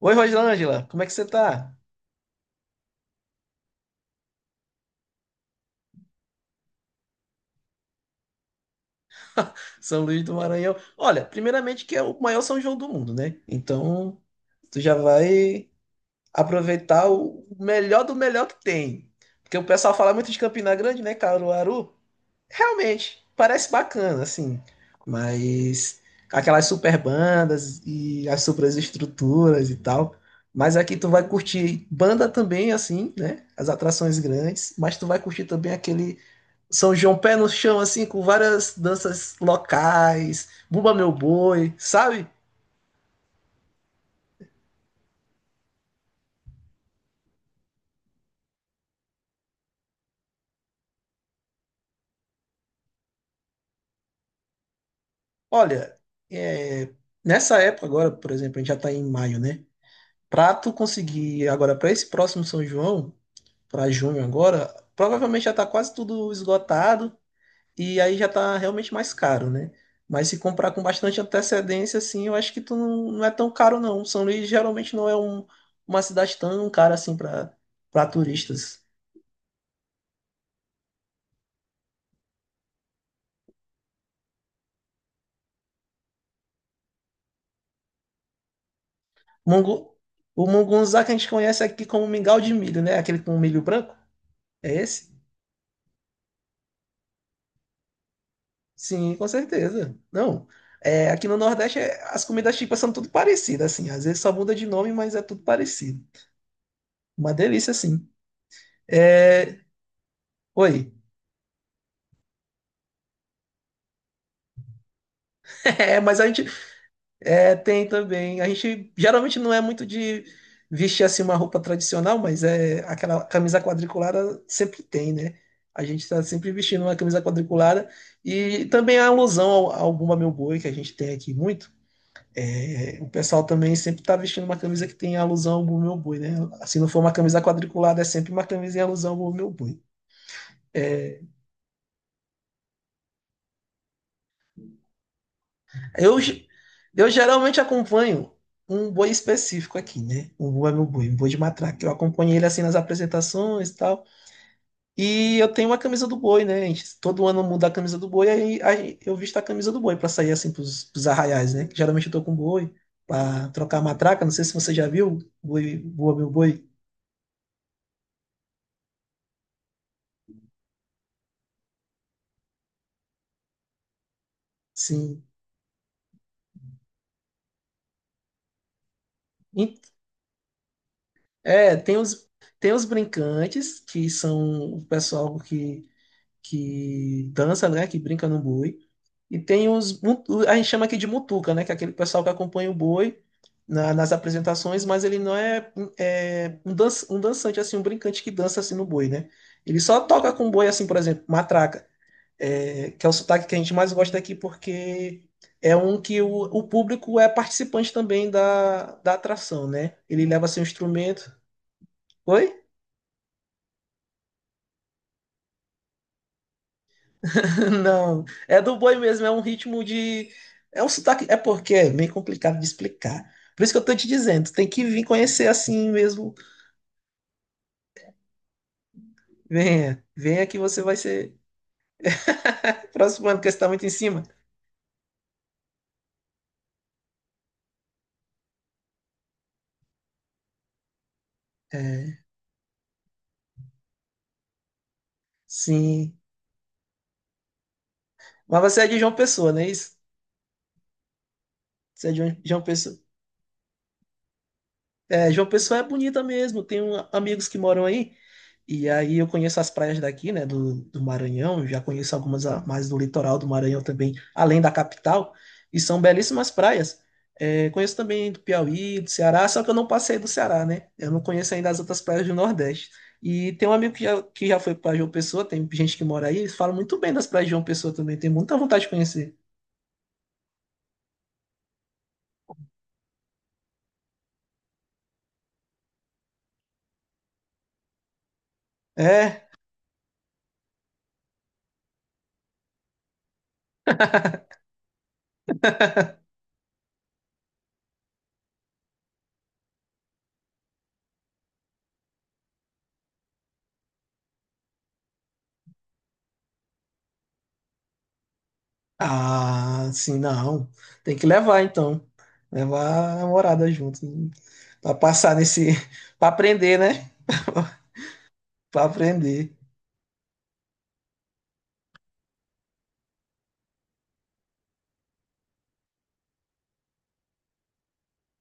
Oi, Rosângela, como é que você tá? São Luís do Maranhão. Olha, primeiramente que é o maior São João do mundo, né? Então, tu já vai aproveitar o melhor do melhor que tem. Porque o pessoal fala muito de Campina Grande, né, Caruaru? Realmente, parece bacana, assim. Mas aquelas super bandas e as super estruturas e tal. Mas aqui tu vai curtir banda também, assim, né? As atrações grandes. Mas tu vai curtir também aquele São João pé no chão, assim, com várias danças locais, Bumba Meu Boi, sabe? Olha, é, nessa época agora, por exemplo, a gente já tá em maio, né? Pra tu conseguir agora, pra esse próximo São João, pra junho agora, provavelmente já tá quase tudo esgotado e aí já tá realmente mais caro, né? Mas se comprar com bastante antecedência, assim, eu acho que tu não, não é tão caro, não. São Luís geralmente não é uma cidade tão cara assim pra para turistas. Mungu, o mungunzá que a gente conhece aqui como mingau de milho, né? Aquele com milho branco? É esse? Sim, com certeza. Não. É, aqui no Nordeste as comidas típicas são tudo parecidas, assim. Às vezes só muda de nome, mas é tudo parecido. Uma delícia, assim. É. Oi. É, mas a gente É, tem também. A gente geralmente não é muito de vestir assim uma roupa tradicional, mas é aquela camisa quadriculada sempre tem, né? A gente está sempre vestindo uma camisa quadriculada e também a alusão ao, ao Bumba Meu Boi que a gente tem aqui muito. É, o pessoal também sempre está vestindo uma camisa que tem alusão ao Bumba Meu Boi, né? Se não for uma camisa quadriculada, é sempre uma camisa em alusão ao Bumba Meu Boi. Eu, ge- eu geralmente acompanho um boi específico aqui, né? O boi é meu boi, um boi de matraca. Eu acompanho ele assim nas apresentações e tal. E eu tenho uma camisa do boi, né? A gente? Todo ano muda a camisa do boi, aí, aí eu visto a camisa do boi pra sair assim pros, pros arraiais, né? Que geralmente eu tô com boi pra trocar a matraca. Não sei se você já viu, boi, boa meu boi. Sim. E- É, tem os brincantes, que são o pessoal que dança, né? Que brinca no boi. E tem os. A gente chama aqui de mutuca, né? Que é aquele pessoal que acompanha o boi nas apresentações, mas ele não é um dançante, assim, um brincante que dança assim no boi, né? Ele só toca com o boi, assim, por exemplo, matraca, é, que é o sotaque que a gente mais gosta aqui, porque é um que o público é participante também da, da atração, né? Ele leva seu instrumento. Oi? Não, é do boi mesmo, é um ritmo de. É um sotaque. É porque é meio complicado de explicar. Por isso que eu tô te dizendo, tu tem que vir conhecer assim mesmo. Venha, venha que você vai ser. Próximo ano, porque você tá muito em cima. É, sim. Mas você é de João Pessoa, não é isso? Você é de João Pessoa. É, João Pessoa é bonita mesmo. Tenho amigos que moram aí. E aí eu conheço as praias daqui, né, do, do Maranhão. Já conheço algumas mais do litoral do Maranhão também, além da capital. E são belíssimas praias. É, conheço também do Piauí, do Ceará, só que eu não passei do Ceará, né? Eu não conheço ainda as outras praias do Nordeste. E tem um amigo que já foi para João Pessoa, tem gente que mora aí, eles falam muito bem das praias de João Pessoa também, tem muita vontade de conhecer. É, ah, sim, não. Tem que levar então. Levar a namorada junto. Pra passar nesse, pra aprender, né? Pra aprender.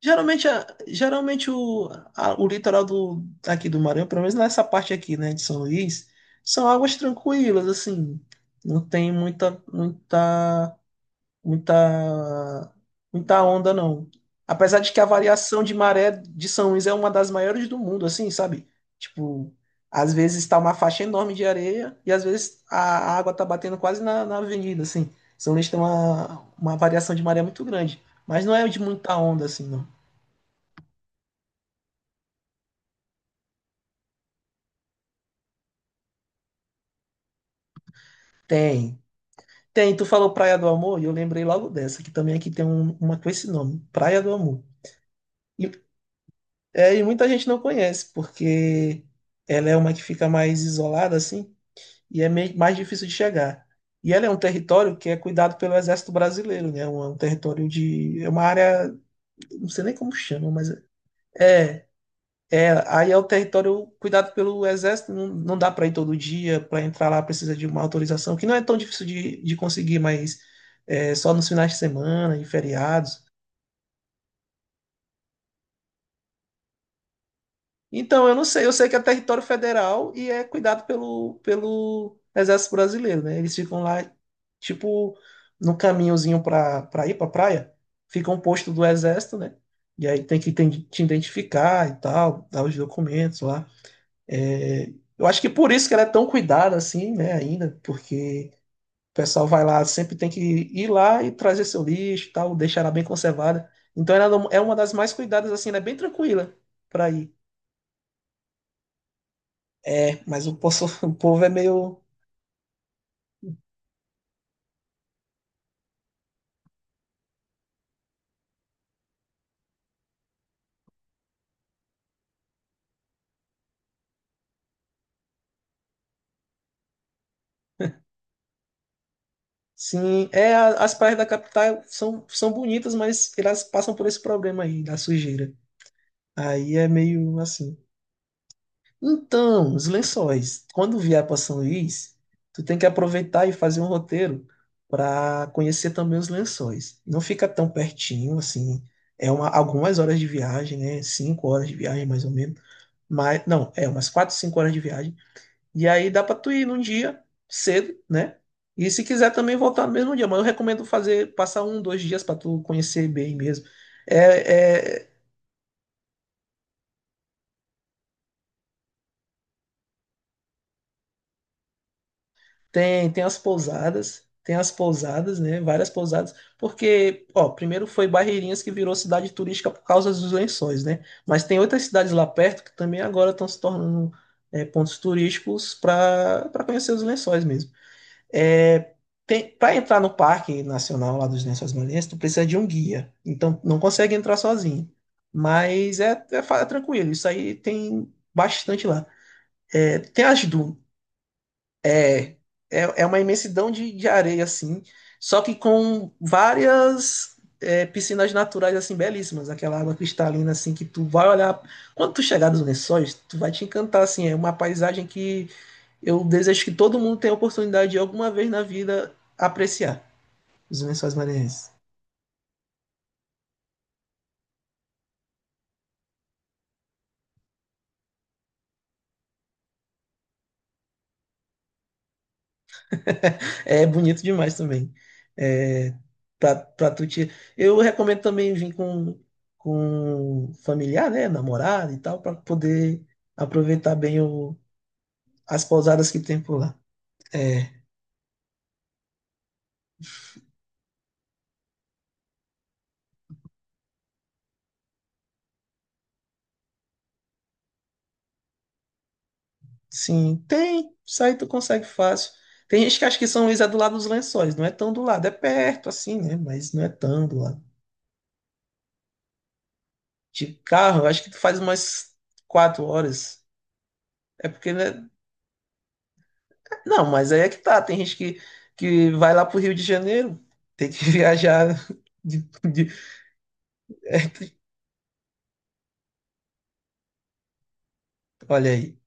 Geralmente, geralmente o litoral do aqui do Maranhão, pelo menos nessa parte aqui, né, de São Luís, são águas tranquilas, assim. Não tem muita, muita onda, não. Apesar de que a variação de maré de São Luís é uma das maiores do mundo, assim, sabe? Tipo, às vezes está uma faixa enorme de areia e às vezes a água tá batendo quase na, na avenida, assim. São Luís tem uma variação de maré muito grande, mas não é de muita onda, assim, não. Tem. Tem, tu falou Praia do Amor e eu lembrei logo dessa, que também aqui tem uma com esse nome, Praia do Amor. E, é, e muita gente não conhece, porque ela é uma que fica mais isolada, assim, e é meio, mais difícil de chegar. E ela é um território que é cuidado pelo Exército Brasileiro, né? É um território de. É uma área. Não sei nem como chama, mas. É, é. Aí é o território cuidado pelo Exército, não, não dá para ir todo dia, para entrar lá precisa de uma autorização, que não é tão difícil de conseguir, mas é, só nos finais de semana, em feriados. Então, eu não sei, eu sei que é território federal e é cuidado pelo, pelo Exército Brasileiro, né? Eles ficam lá, tipo, no caminhozinho para pra pra ir pra praia, fica um posto do Exército, né? E aí tem que te identificar e tal, dar os documentos lá. É, eu acho que por isso que ela é tão cuidada assim, né, ainda, porque o pessoal vai lá, sempre tem que ir lá e trazer seu lixo e tal, deixar ela bem conservada. Então ela é uma das mais cuidadas, assim, ela é bem tranquila para ir. É, mas o, o povo é meio. Sim, é, as praias da capital são bonitas, mas elas passam por esse problema aí, da sujeira. Aí é meio assim. Então, os lençóis. Quando vier para São Luís, tu tem que aproveitar e fazer um roteiro para conhecer também os lençóis. Não fica tão pertinho, assim. É uma, algumas horas de viagem, né? 5 horas de viagem, mais ou menos. Mas, não, é umas 4, 5 horas de viagem. E aí dá para tu ir num dia cedo, né? E se quiser também voltar no mesmo dia. Mas eu recomendo fazer, passar 1, 2 dias para tu conhecer bem mesmo. É, é, tem, tem as pousadas, né? Várias pousadas, porque, ó, primeiro foi Barreirinhas que virou cidade turística por causa dos lençóis, né? Mas tem outras cidades lá perto que também agora estão se tornando é, pontos turísticos para conhecer os lençóis mesmo. É, tem, para entrar no Parque Nacional lá dos Lençóis Maranhenses, tu precisa de um guia, então não consegue entrar sozinho. Mas é, é, é tranquilo, isso aí tem bastante lá. É, tem as dunas. É, é uma imensidão de areia, assim, só que com várias é, piscinas naturais, assim, belíssimas. Aquela água cristalina, assim, que tu vai olhar. Quando tu chegar dos Lençóis, tu vai te encantar, assim. É uma paisagem que eu desejo que todo mundo tenha a oportunidade de alguma vez na vida apreciar. Os Lençóis Maranhenses. É bonito demais também. É, pra, pra tu te... Eu recomendo também vir com familiar, né? Namorado e tal, para poder aproveitar bem o, as pousadas que tem por lá. É, sim, tem. Isso aí tu consegue fácil. Tem gente que acha que São Luís é do lado dos Lençóis. Não é tão do lado. É perto, assim, né? Mas não é tão do lado. De carro, eu acho que tu faz umas 4 horas. É porque, né, não, mas aí é que tá. Tem gente que vai lá pro Rio de Janeiro, tem que viajar. De- de- é, olha aí.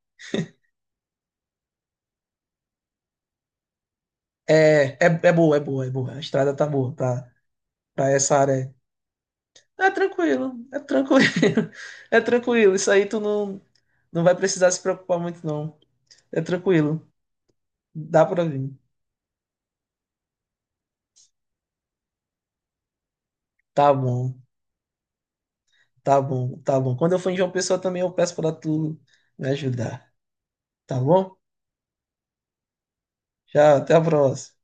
É, é, é boa, é boa, é boa. A estrada tá boa pra, pra essa área. É tranquilo, é tranquilo. É tranquilo. Isso aí tu não, não vai precisar se preocupar muito, não. É tranquilo. Dá pra vir. Tá bom, tá bom, tá bom. Quando eu for em João Pessoa também eu peço pra tu me ajudar. Tá bom? Tchau, até a próxima.